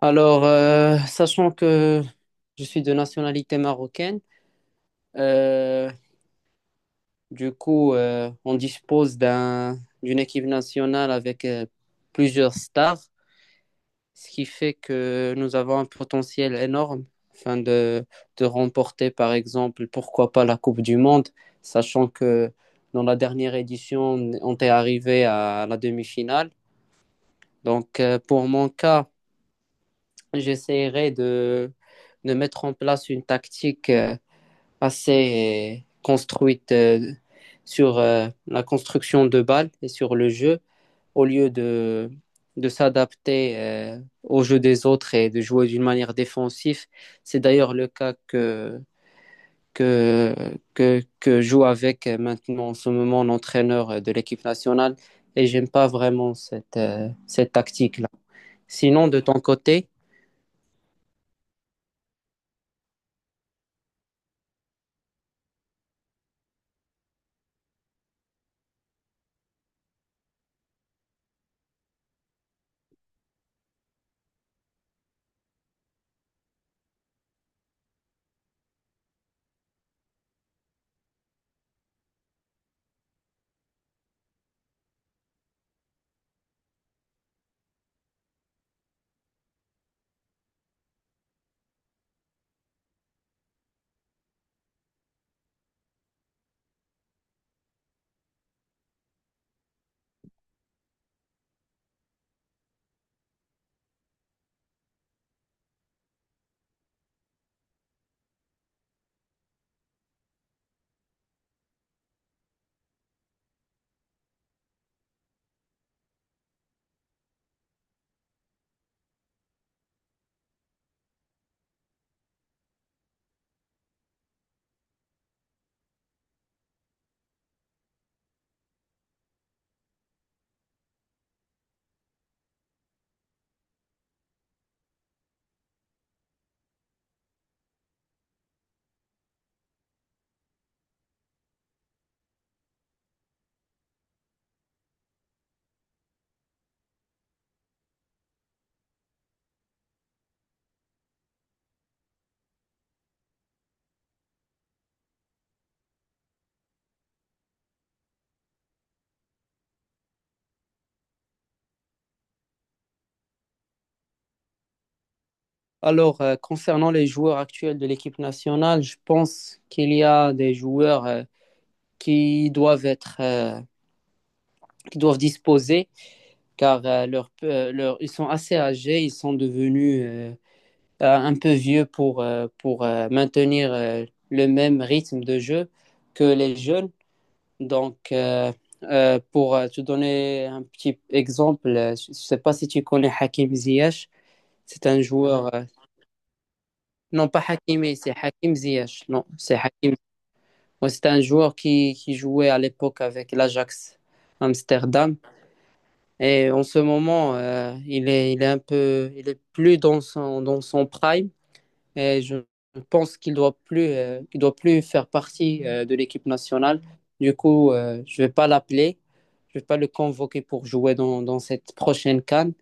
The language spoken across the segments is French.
Sachant que je suis de nationalité marocaine, euh, on dispose d'une équipe nationale avec plusieurs stars, ce qui fait que nous avons un potentiel énorme afin de, de remporter, par exemple, pourquoi pas la Coupe du Monde, sachant que dans la dernière édition, on est arrivé à la demi-finale. Pour mon cas, j'essaierai de mettre en place une tactique assez construite sur la construction de balles et sur le jeu, au lieu de s'adapter au jeu des autres et de jouer d'une manière défensive. C'est d'ailleurs le cas que, que joue avec maintenant en ce moment l'entraîneur de l'équipe nationale, et j'aime pas vraiment cette tactique-là. Sinon, de ton côté, concernant les joueurs actuels de l'équipe nationale, je pense qu'il y a des joueurs qui doivent qui doivent disposer, car ils sont assez âgés, ils sont devenus un peu vieux pour maintenir le même rythme de jeu que les jeunes. Donc, pour te donner un petit exemple, je ne sais pas si tu connais Hakim Ziyech. C'est un joueur, non pas Hakimi, c'est Hakim Ziyech. Non, c'est Hakim. Ouais, c'est un joueur qui jouait à l'époque avec l'Ajax Amsterdam. Et en ce moment, il est un peu, il est plus dans dans son prime. Et je pense qu'il doit plus, il doit plus faire partie de l'équipe nationale. Je vais pas l'appeler, je vais pas le convoquer pour jouer dans cette prochaine CAN.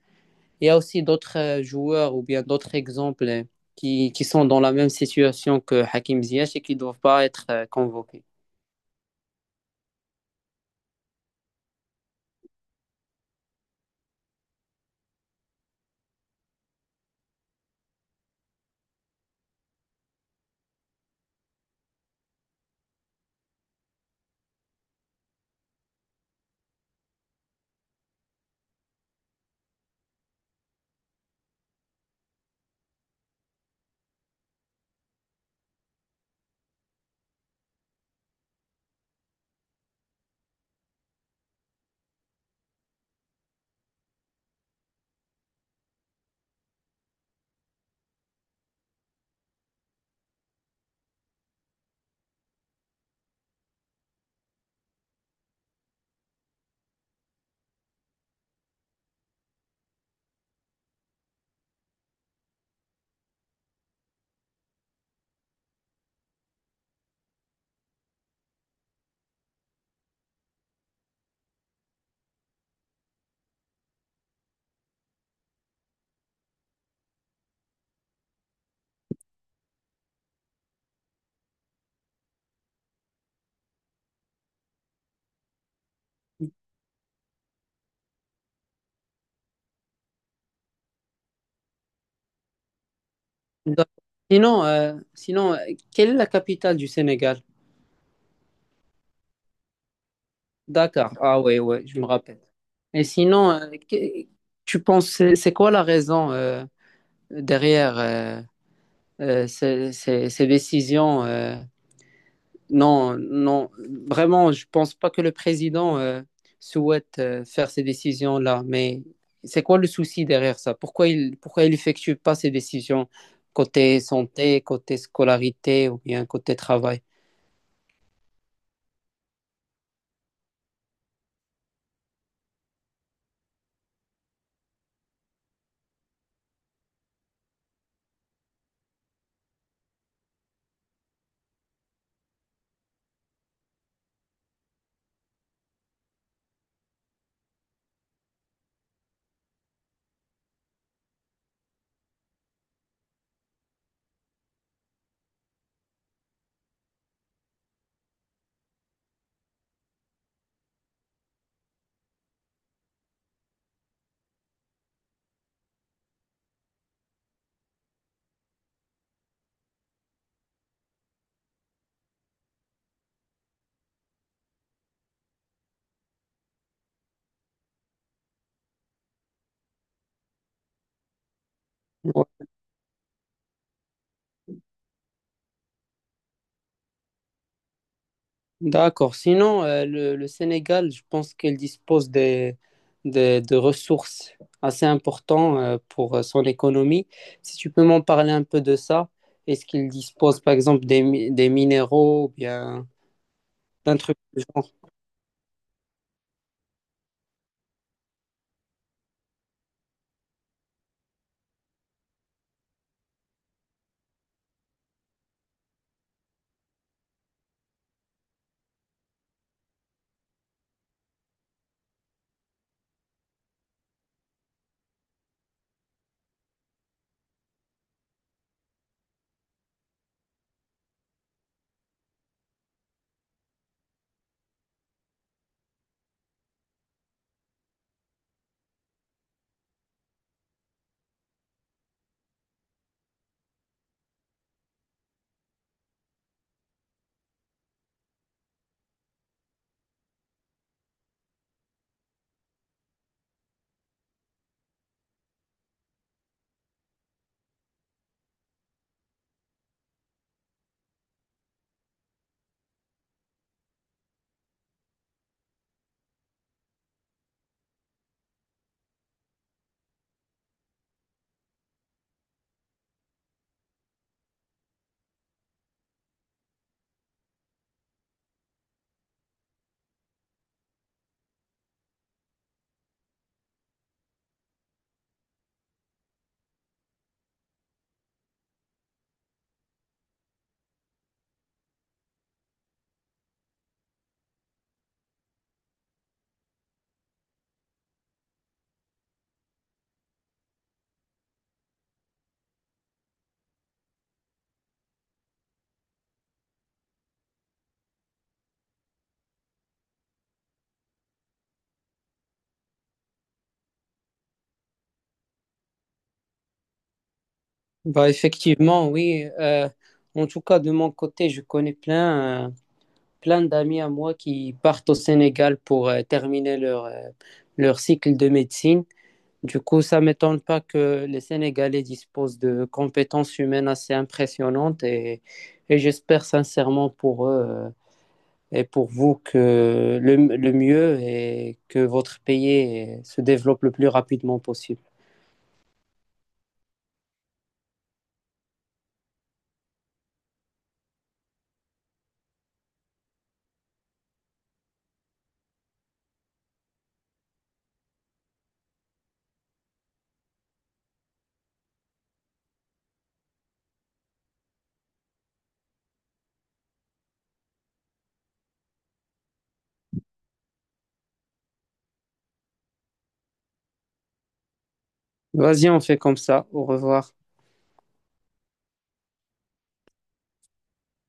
Il y a aussi d'autres joueurs ou bien d'autres exemples qui sont dans la même situation que Hakim Ziyech et qui ne doivent pas être convoqués. D'accord. Sinon, quelle est la capitale du Sénégal? Dakar. Ah oui, ouais, je me rappelle. Et sinon, tu penses, c'est quoi la raison derrière ces décisions? Non, non, vraiment, je pense pas que le président souhaite faire ces décisions-là. Mais c'est quoi le souci derrière ça? Pourquoi il effectue pas ces décisions côté santé, côté scolarité ou bien côté travail? Ouais. D'accord. Sinon, le Sénégal, je pense qu'il dispose de ressources assez importantes pour son économie. Si tu peux m'en parler un peu de ça, est-ce qu'il dispose par exemple des minéraux ou bien d'un truc du genre? Bah, effectivement, oui. En tout cas, de mon côté, je connais plein d'amis à moi qui partent au Sénégal pour terminer leur cycle de médecine. Du coup, ça ne m'étonne pas que les Sénégalais disposent de compétences humaines assez impressionnantes, et j'espère sincèrement pour eux et pour vous que le mieux est que votre pays se développe le plus rapidement possible. Vas-y, on fait comme ça. Au revoir.